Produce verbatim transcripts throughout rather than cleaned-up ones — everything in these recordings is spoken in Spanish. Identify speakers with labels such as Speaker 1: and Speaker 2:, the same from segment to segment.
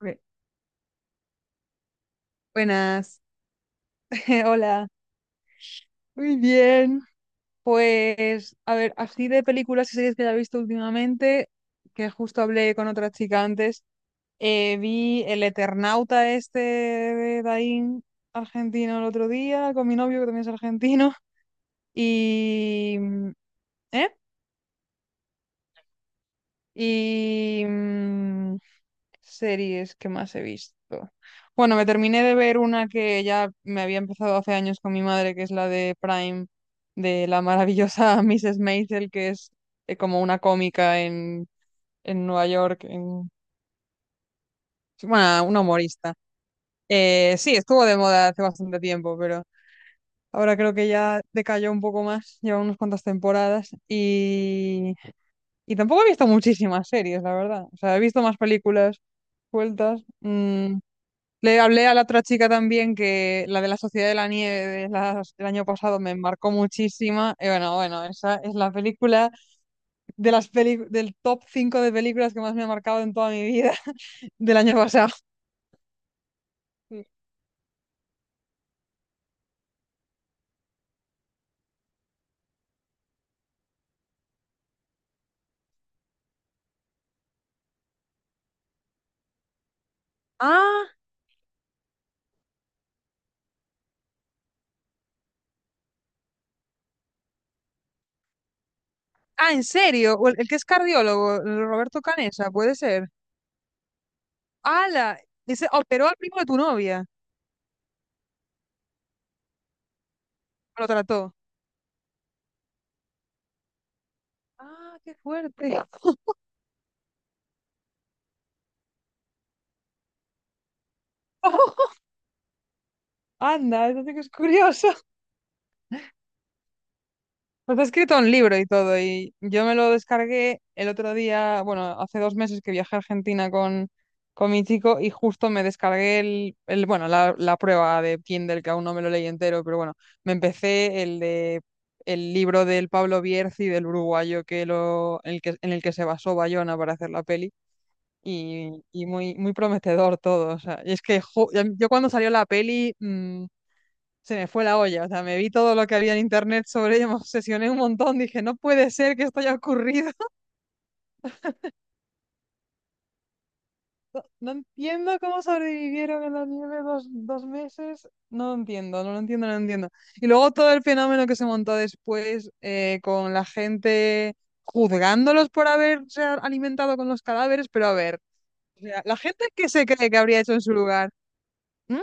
Speaker 1: Bue- Buenas. Hola, muy bien. Pues, a ver, así de películas y series que haya visto últimamente, que justo hablé con otra chica antes, eh, vi El Eternauta este de Daín, argentino, el otro día, con mi novio, que también es argentino. y... mm, ¿Eh? Y... mm, series que más he visto. Bueno, me terminé de ver una que ya me había empezado hace años con mi madre, que es la de Prime, de la maravillosa missus Maisel, que es, eh, como una cómica en, en Nueva York, en, bueno, una humorista. Eh, sí, estuvo de moda hace bastante tiempo, pero ahora creo que ya decayó un poco más, lleva unas cuantas temporadas, y, y tampoco he visto muchísimas series, la verdad. O sea, he visto más películas sueltas. mm, Le hablé a la otra chica también, que la de la Sociedad de la Nieve de las- del año pasado me marcó muchísima. Y bueno, bueno, esa es la película de las peli del top cinco de películas que más me ha marcado en toda mi vida, del año pasado. Sí. Ah, ah, ¿en serio? O El, el que es cardiólogo, el Roberto Canesa, puede ser. ¡Hala! Ese operó al primo de tu novia. Lo trató. ¡Ah, qué fuerte! ¡Anda, eso sí que es curioso! Pues ha escrito un libro y todo, y yo me lo descargué el otro día, bueno, hace dos meses que viajé a Argentina con, con mi chico, y justo me descargué el, el bueno, la, la prueba de Kindle, que aún no me lo leí entero, pero bueno, me empecé el de el libro del Pablo Bierzi, del uruguayo que lo, el que, en el que se basó Bayona para hacer la peli, y, y muy, muy prometedor todo, o sea, y es que jo- yo, cuando salió la peli... mm, se me fue la olla. O sea, me vi todo lo que había en internet sobre ella, me obsesioné un montón. Dije, no puede ser que esto haya ocurrido. No entiendo cómo sobrevivieron en la nieve dos, dos meses. No lo entiendo, no lo entiendo, no lo entiendo. Y luego todo el fenómeno que se montó después, eh, con la gente juzgándolos por haberse a- alimentado con los cadáveres, pero a ver, o sea, la gente que se cree que habría hecho en su lugar. ¿Mm?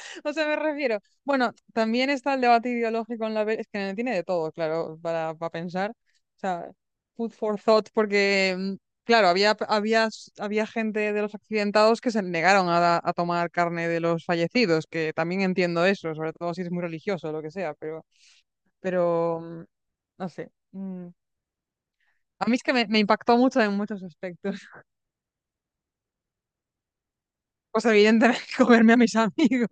Speaker 1: O sea, me refiero. Bueno, también está el debate ideológico en la peli. Es que no tiene de todo, claro, para, para pensar. O sea, food for thought, porque, mm, claro, había, había, había gente de los accidentados que se negaron a, a tomar carne de los fallecidos, que también entiendo eso, sobre todo si es muy religioso o lo que sea, pero, pero mm, no sé. mm. A mí es que me, me impactó mucho en muchos aspectos. Pues evidentemente comerme a mis amigos.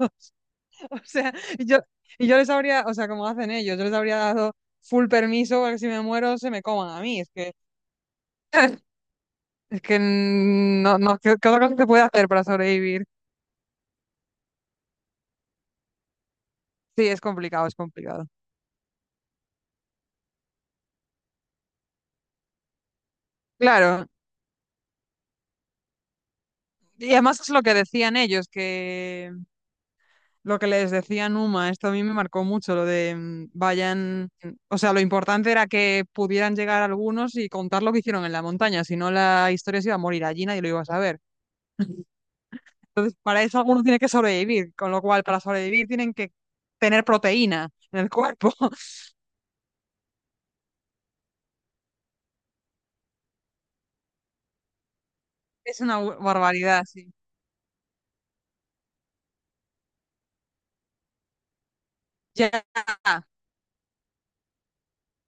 Speaker 1: O sea, y yo, y yo les habría, o sea, como hacen ellos, yo les habría dado full permiso para que, si me muero, se me coman a mí. Es que, es que no, no, ¿qué, qué otra cosa se puede hacer para sobrevivir? Sí, es complicado, es complicado. Claro. Y además es lo que decían ellos, que lo que les decía Numa, esto a mí me marcó mucho, lo de mm, vayan, o sea, lo importante era que pudieran llegar algunos y contar lo que hicieron en la montaña, si no, la historia se iba a morir allí, nadie lo iba a saber. Para eso alguno tiene que sobrevivir, con lo cual, para sobrevivir, tienen que tener proteína en el cuerpo. Es una bu- barbaridad, sí. Ya,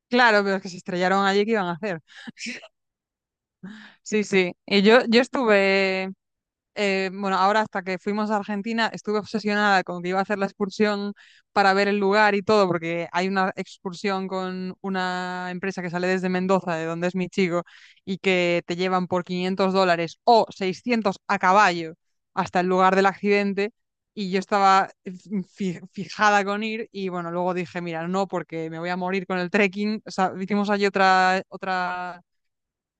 Speaker 1: claro, pero es que se estrellaron allí, ¿qué iban a hacer? Sí, sí. Y yo, yo estuve, eh, bueno, ahora, hasta que fuimos a Argentina, estuve obsesionada con que iba a hacer la excursión para ver el lugar y todo, porque hay una excursión con una empresa que sale desde Mendoza, de donde es mi chico, y que te llevan por quinientos dólares o seiscientos a caballo hasta el lugar del accidente. Y yo estaba fi- fijada con ir, y bueno, luego dije, mira, no, porque me voy a morir con el trekking. O sea, hicimos allí otra, otra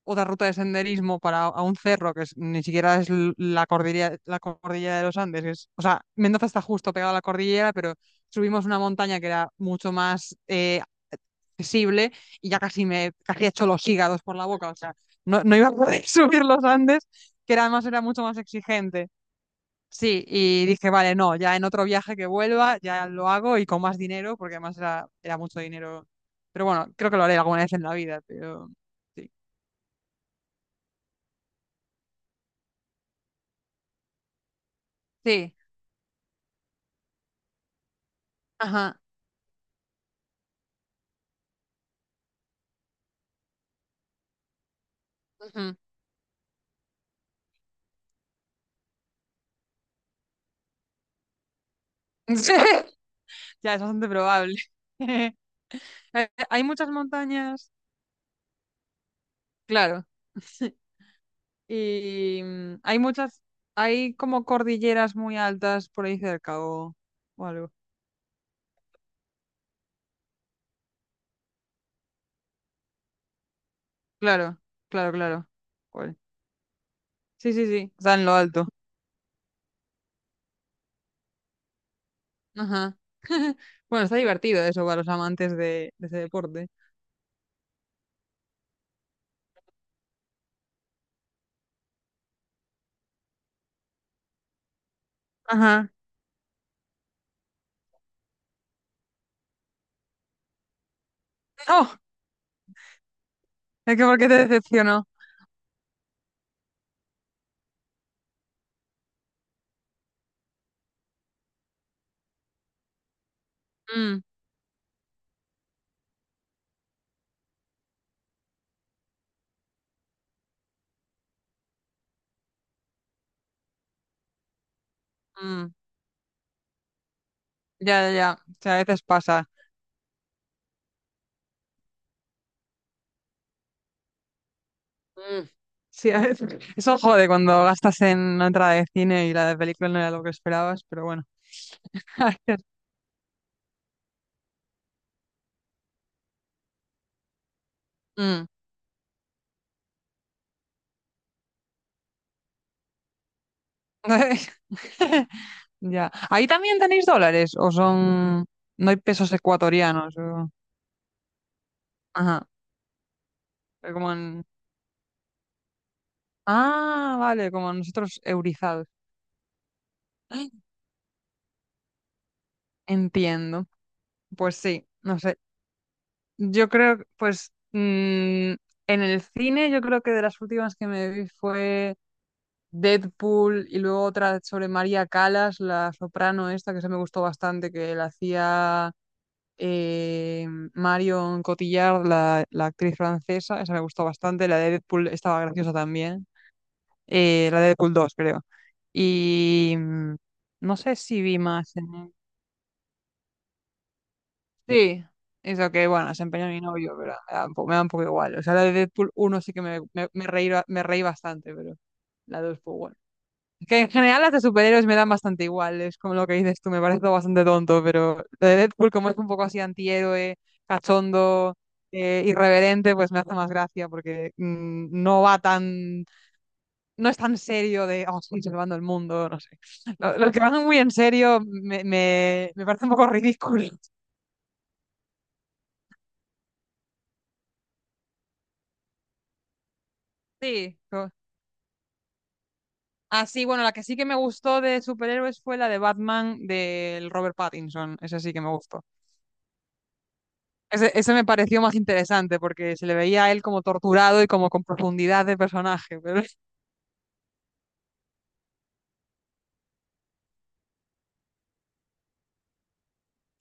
Speaker 1: otra ruta de senderismo para a un cerro que es- ni siquiera es l- la cordillera, la cordillera, de los Andes. Es- o sea, Mendoza está justo pegado a la cordillera, pero subimos una montaña que era mucho más, eh, accesible, y ya casi me casi he hecho los hígados por la boca. O sea, no, no iba a poder subir los Andes, que era- además era mucho más exigente. Sí, y dije, vale, no, ya, en otro viaje que vuelva, ya lo hago, y con más dinero, porque además era, era mucho dinero. Pero bueno, creo que lo haré alguna vez en la vida, pero sí. Sí. Ajá. Ujú. Ya, es bastante probable. Eh, Hay muchas montañas, claro, y mm, hay muchas, hay como cordilleras muy altas por ahí cerca, o, o algo. Claro, claro, claro. Joder. Sí, sí, sí, está en lo alto. Ajá. Bueno, está divertido eso para los amantes de, de ese deporte. Ajá. Oh, es que, ¿por qué te decepcionó? Mm, mm, ya, ya, ya. O sea, a veces pasa. Mm. Sí, a veces- eso jode cuando gastas en una entrada de cine y la de película no era lo que esperabas, pero bueno. A ver. mm. Ya. ¿Ahí también tenéis dólares? ¿O son... ¿No hay pesos ecuatorianos? o- Ajá. pero Como en... Ah, vale, como nosotros, eurizados. Entiendo. Pues sí, no sé. Yo creo, pues, mm, en el cine, yo creo que de las últimas que me vi fue... Deadpool, y luego otra sobre María Calas, la soprano esta, que se me gustó bastante, que la hacía, eh, Marion Cotillard, la, la actriz francesa. Esa me gustó bastante. La de Deadpool estaba graciosa también, eh, la de Deadpool dos, creo. Y mm, no sé si vi más. en- Sí, eso, que bueno, se empeñó mi novio, pero me da un poco, me da un poco igual. O sea, la de Deadpool uno sí que me, me, me reí, ba- me reí bastante, pero la dos, pues bueno. Que en general las de superhéroes me dan bastante igual, es como lo que dices tú, me parece todo bastante tonto, pero lo de Deadpool, como es un poco así antihéroe, cachondo, eh, irreverente, pues me hace más gracia, porque mm, no va tan, no es tan serio de, oh, estoy salvando el mundo, no sé. Lo- Los que van muy en serio me, me, me parece un poco ridículo. Sí. co- Ah, sí, bueno, la que sí que me gustó de superhéroes fue la de Batman, del Robert Pattinson, esa sí que me gustó. Ese, ese me pareció más interesante porque se le veía a él como torturado y como con profundidad de personaje. Pero,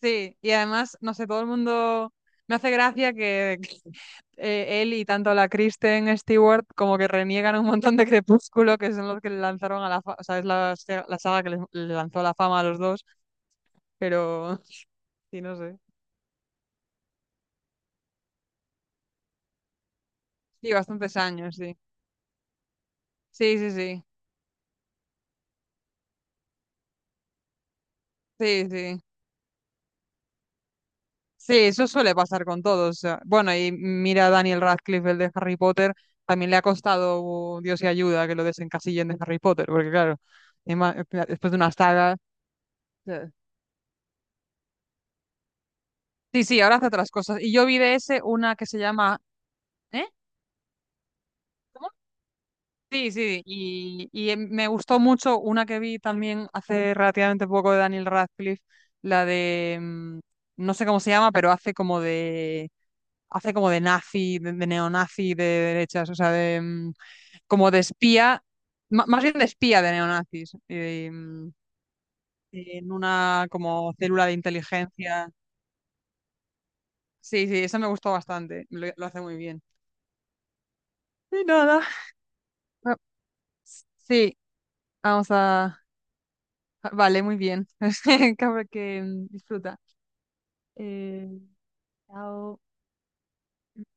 Speaker 1: sí, y además, no sé, todo el mundo me hace gracia que, eh, él, y tanto la Kristen Stewart, como que reniegan un montón de Crepúsculo, que son los que le lanzaron a la fama, o sea, es la, se- la saga que les- le lanzó a la fama a los dos, pero, sí, no sé. Sí, bastantes años, sí. Sí, sí, sí. Sí, sí. Sí, eso suele pasar con todos. O sea, bueno, y mira a Daniel Radcliffe, el de Harry Potter, también le ha costado, uh, Dios y ayuda, que lo desencasillen de Harry Potter, porque claro, ema- después de una saga. eh, Sí, sí, ahora hace otras cosas. Y yo vi de ese una que se llama. ¿Eh? ¿Cómo? Sí, sí, y, y em- me gustó mucho una que vi también hace relativamente poco de Daniel Radcliffe, la de. mm, No sé cómo se llama, pero hace como de. Hace como de nazi, de, de neonazi, de derechas, o sea, de, mm, como de espía, ma- más bien de espía de neonazis, eh, mm, en una como célula de inteligencia. Sí, sí, eso me gustó bastante, lo, lo hace muy bien. Y nada. ah, Sí, vamos a... vale, muy bien. Cabra que, mm, disfruta. Eh,